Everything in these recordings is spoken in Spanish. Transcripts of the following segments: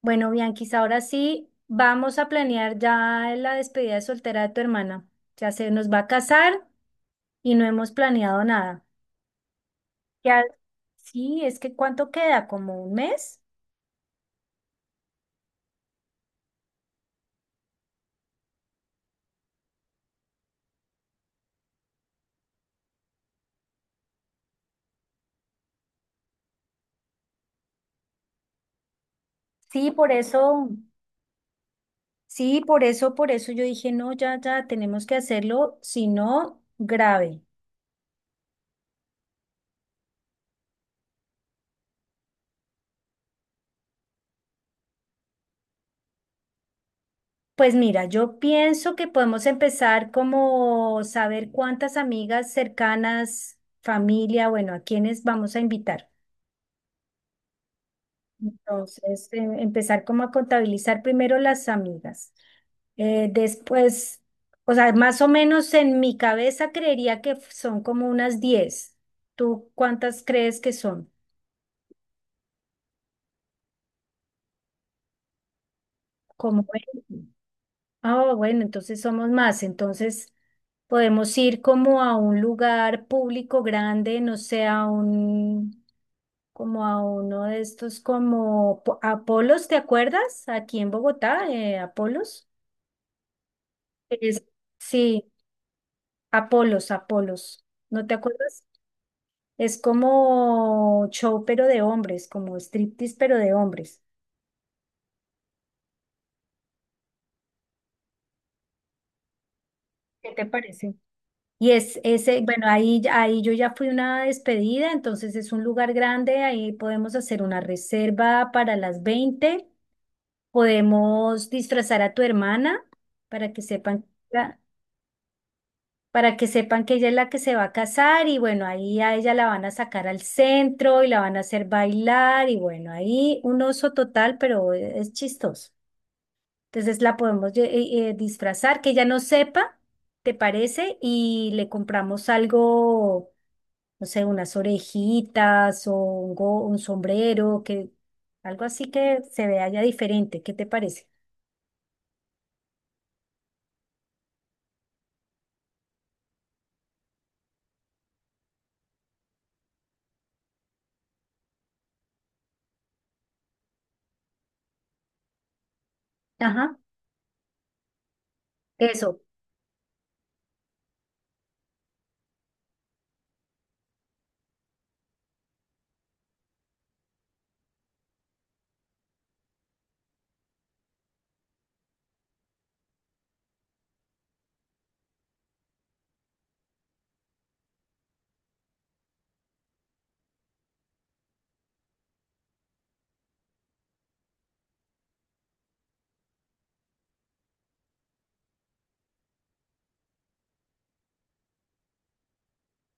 Bueno, Bianquis, ahora sí vamos a planear ya la despedida de soltera de tu hermana. Ya se nos va a casar y no hemos planeado nada. Ya, sí, es que ¿cuánto queda? ¿Como un mes? Sí, por eso, sí, por eso yo dije, no, ya, ya, tenemos que hacerlo, si no, grave. Pues mira, yo pienso que podemos empezar como saber cuántas amigas cercanas, familia, bueno, a quiénes vamos a invitar. Entonces, empezar como a contabilizar primero las amigas. Después, o sea, más o menos en mi cabeza creería que son como unas diez. ¿Tú cuántas crees que son? Como 20. Ah, bueno, entonces somos más. Entonces podemos ir como a un lugar público grande, no sé, a un, como a uno de estos como Apolos, ¿te acuerdas? Aquí en Bogotá, Apolos. Es- Sí, Apolos, Apolos, ¿no te acuerdas? Es como show pero de hombres, como striptease pero de hombres. ¿Qué te parece? Y es ese, bueno, ahí, ahí yo ya fui a una despedida, entonces es un lugar grande, ahí podemos hacer una reserva para las 20, podemos disfrazar a tu hermana para que sepan. Para que sepan que ella es la que se va a casar y bueno, ahí a ella la van a sacar al centro y la van a hacer bailar y bueno, ahí un oso total, pero es chistoso. Entonces la podemos disfrazar, que ella no sepa, ¿te parece? Y le compramos algo, no sé, unas orejitas o un, un sombrero, que algo así que se vea ya diferente, ¿qué te parece? Ajá. Eso.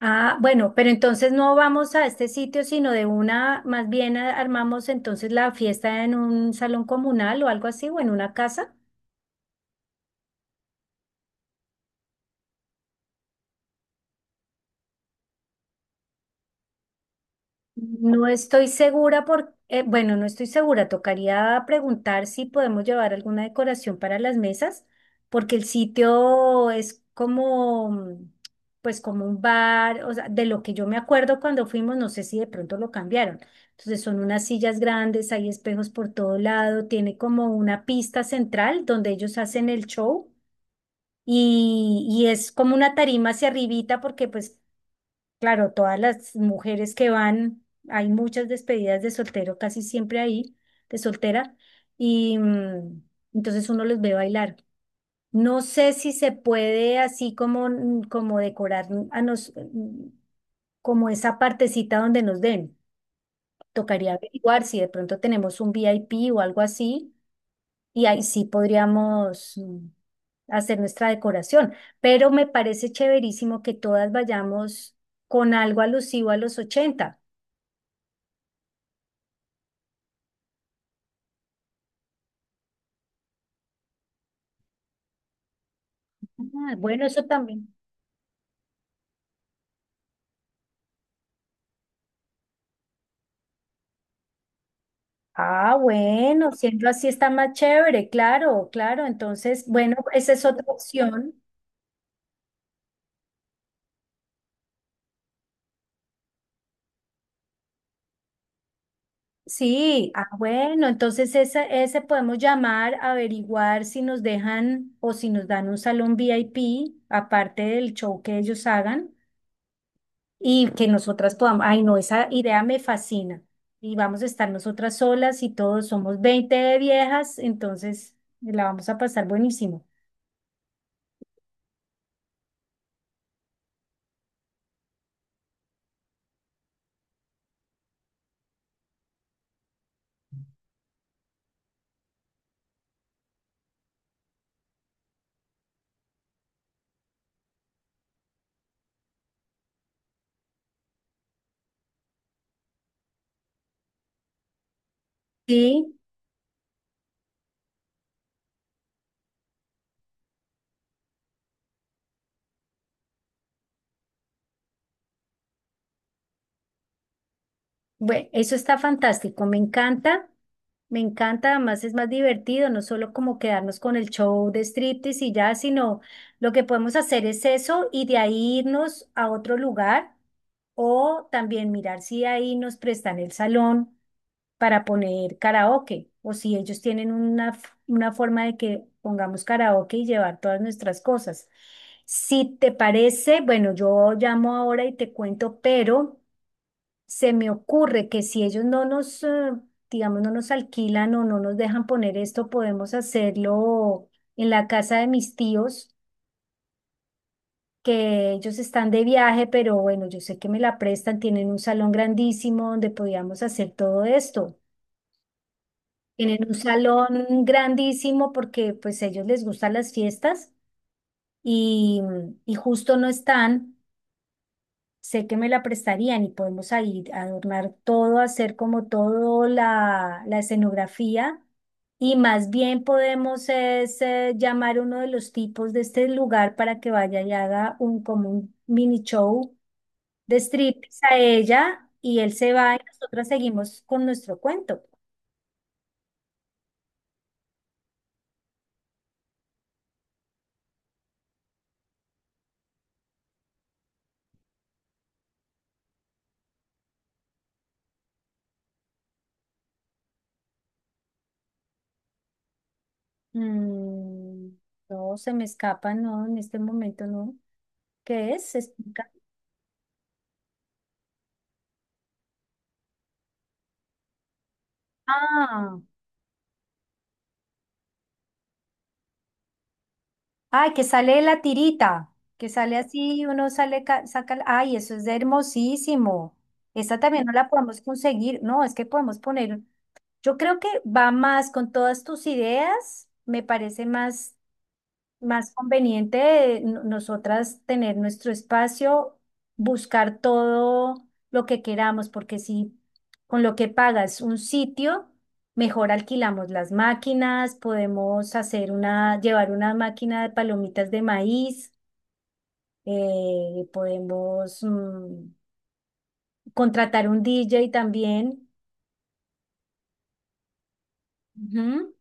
Ah, bueno, pero entonces no vamos a este sitio, sino de una, más bien armamos entonces la fiesta en un salón comunal o algo así, o en una casa. No estoy segura por, bueno, no estoy segura. Tocaría preguntar si podemos llevar alguna decoración para las mesas, porque el sitio es como, pues como un bar, o sea, de lo que yo me acuerdo cuando fuimos, no sé si de pronto lo cambiaron. Entonces son unas sillas grandes, hay espejos por todo lado, tiene como una pista central donde ellos hacen el show y es como una tarima hacia arribita porque pues claro, todas las mujeres que van, hay muchas despedidas de soltero, casi siempre ahí, de soltera, y entonces uno los ve bailar. No sé si se puede así como, como decorar a nos, como esa partecita donde nos den. Tocaría averiguar si de pronto tenemos un VIP o algo así, y ahí sí podríamos hacer nuestra decoración. Pero me parece chéverísimo que todas vayamos con algo alusivo a los 80. Ah, bueno, eso también. Ah, bueno, siendo así está más chévere, claro, claro. Entonces, bueno, esa es otra opción. Sí, ah, bueno, entonces ese podemos llamar, averiguar si nos dejan o si nos dan un salón VIP, aparte del show que ellos hagan, y que nosotras podamos. Ay, no, esa idea me fascina. Y vamos a estar nosotras solas y todos somos 20 viejas, entonces la vamos a pasar buenísimo. Sí, bueno, eso está fantástico, me encanta, además es más divertido, no solo como quedarnos con el show de striptease y ya, sino lo que podemos hacer es eso y de ahí irnos a otro lugar o también mirar si ahí nos prestan el salón para poner karaoke o si ellos tienen una, una forma de que pongamos karaoke y llevar todas nuestras cosas. Si te parece, bueno, yo llamo ahora y te cuento, pero se me ocurre que si ellos no nos, digamos, no nos alquilan o no nos dejan poner esto, podemos hacerlo en la casa de mis tíos, que ellos están de viaje, pero bueno, yo sé que me la prestan, tienen un salón grandísimo donde podíamos hacer todo esto. Tienen un salón grandísimo porque pues a ellos les gustan las fiestas y, y justo no están. Sé que me la prestarían y podemos ahí adornar todo, hacer como todo la escenografía y más bien podemos es, llamar a uno de los tipos de este lugar para que vaya y haga un, como un mini show de strip a ella y él se va y nosotras seguimos con nuestro cuento. Mm, no, se me escapa, no, en este momento no. ¿Qué es? ¿Se explica? Ah. Ay, que sale la tirita, que sale así, uno sale, saca, ay, eso es hermosísimo. Esta también no la podemos conseguir, no, es que podemos poner, yo creo que va más con todas tus ideas, me parece más más conveniente nosotras tener nuestro espacio, buscar todo lo que queramos, porque si con lo que pagas un sitio, mejor alquilamos las máquinas, podemos hacer una, llevar una máquina de palomitas de maíz, podemos contratar un DJ también. Ujú.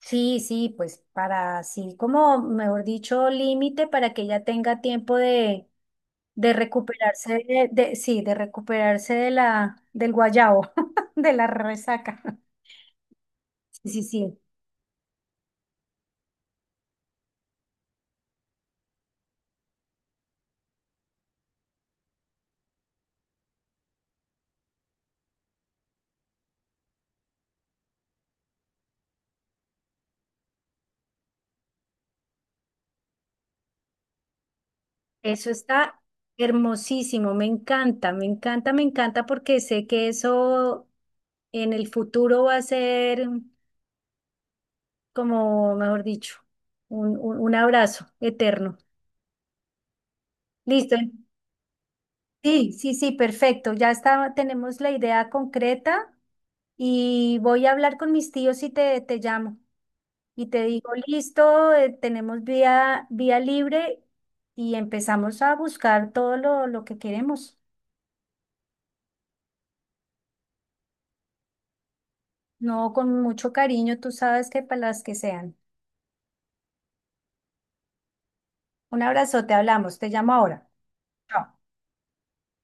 Sí, sí, pues para así como, mejor dicho, límite para que ella tenga tiempo de recuperarse de, sí, de recuperarse de la, del guayabo de la resaca. Sí, sí, sí. Eso está hermosísimo, me encanta, me encanta, me encanta porque sé que eso en el futuro va a ser como, mejor dicho, un, un abrazo eterno. Listo. Sí, sí, sí, perfecto. Ya está, tenemos la idea concreta y voy a hablar con mis tíos y te llamo. Y te digo, listo, tenemos vía libre y empezamos a buscar todo lo que queremos. No, con mucho cariño, tú sabes que para las que sean. Un abrazo, te hablamos, te llamo ahora. Chao.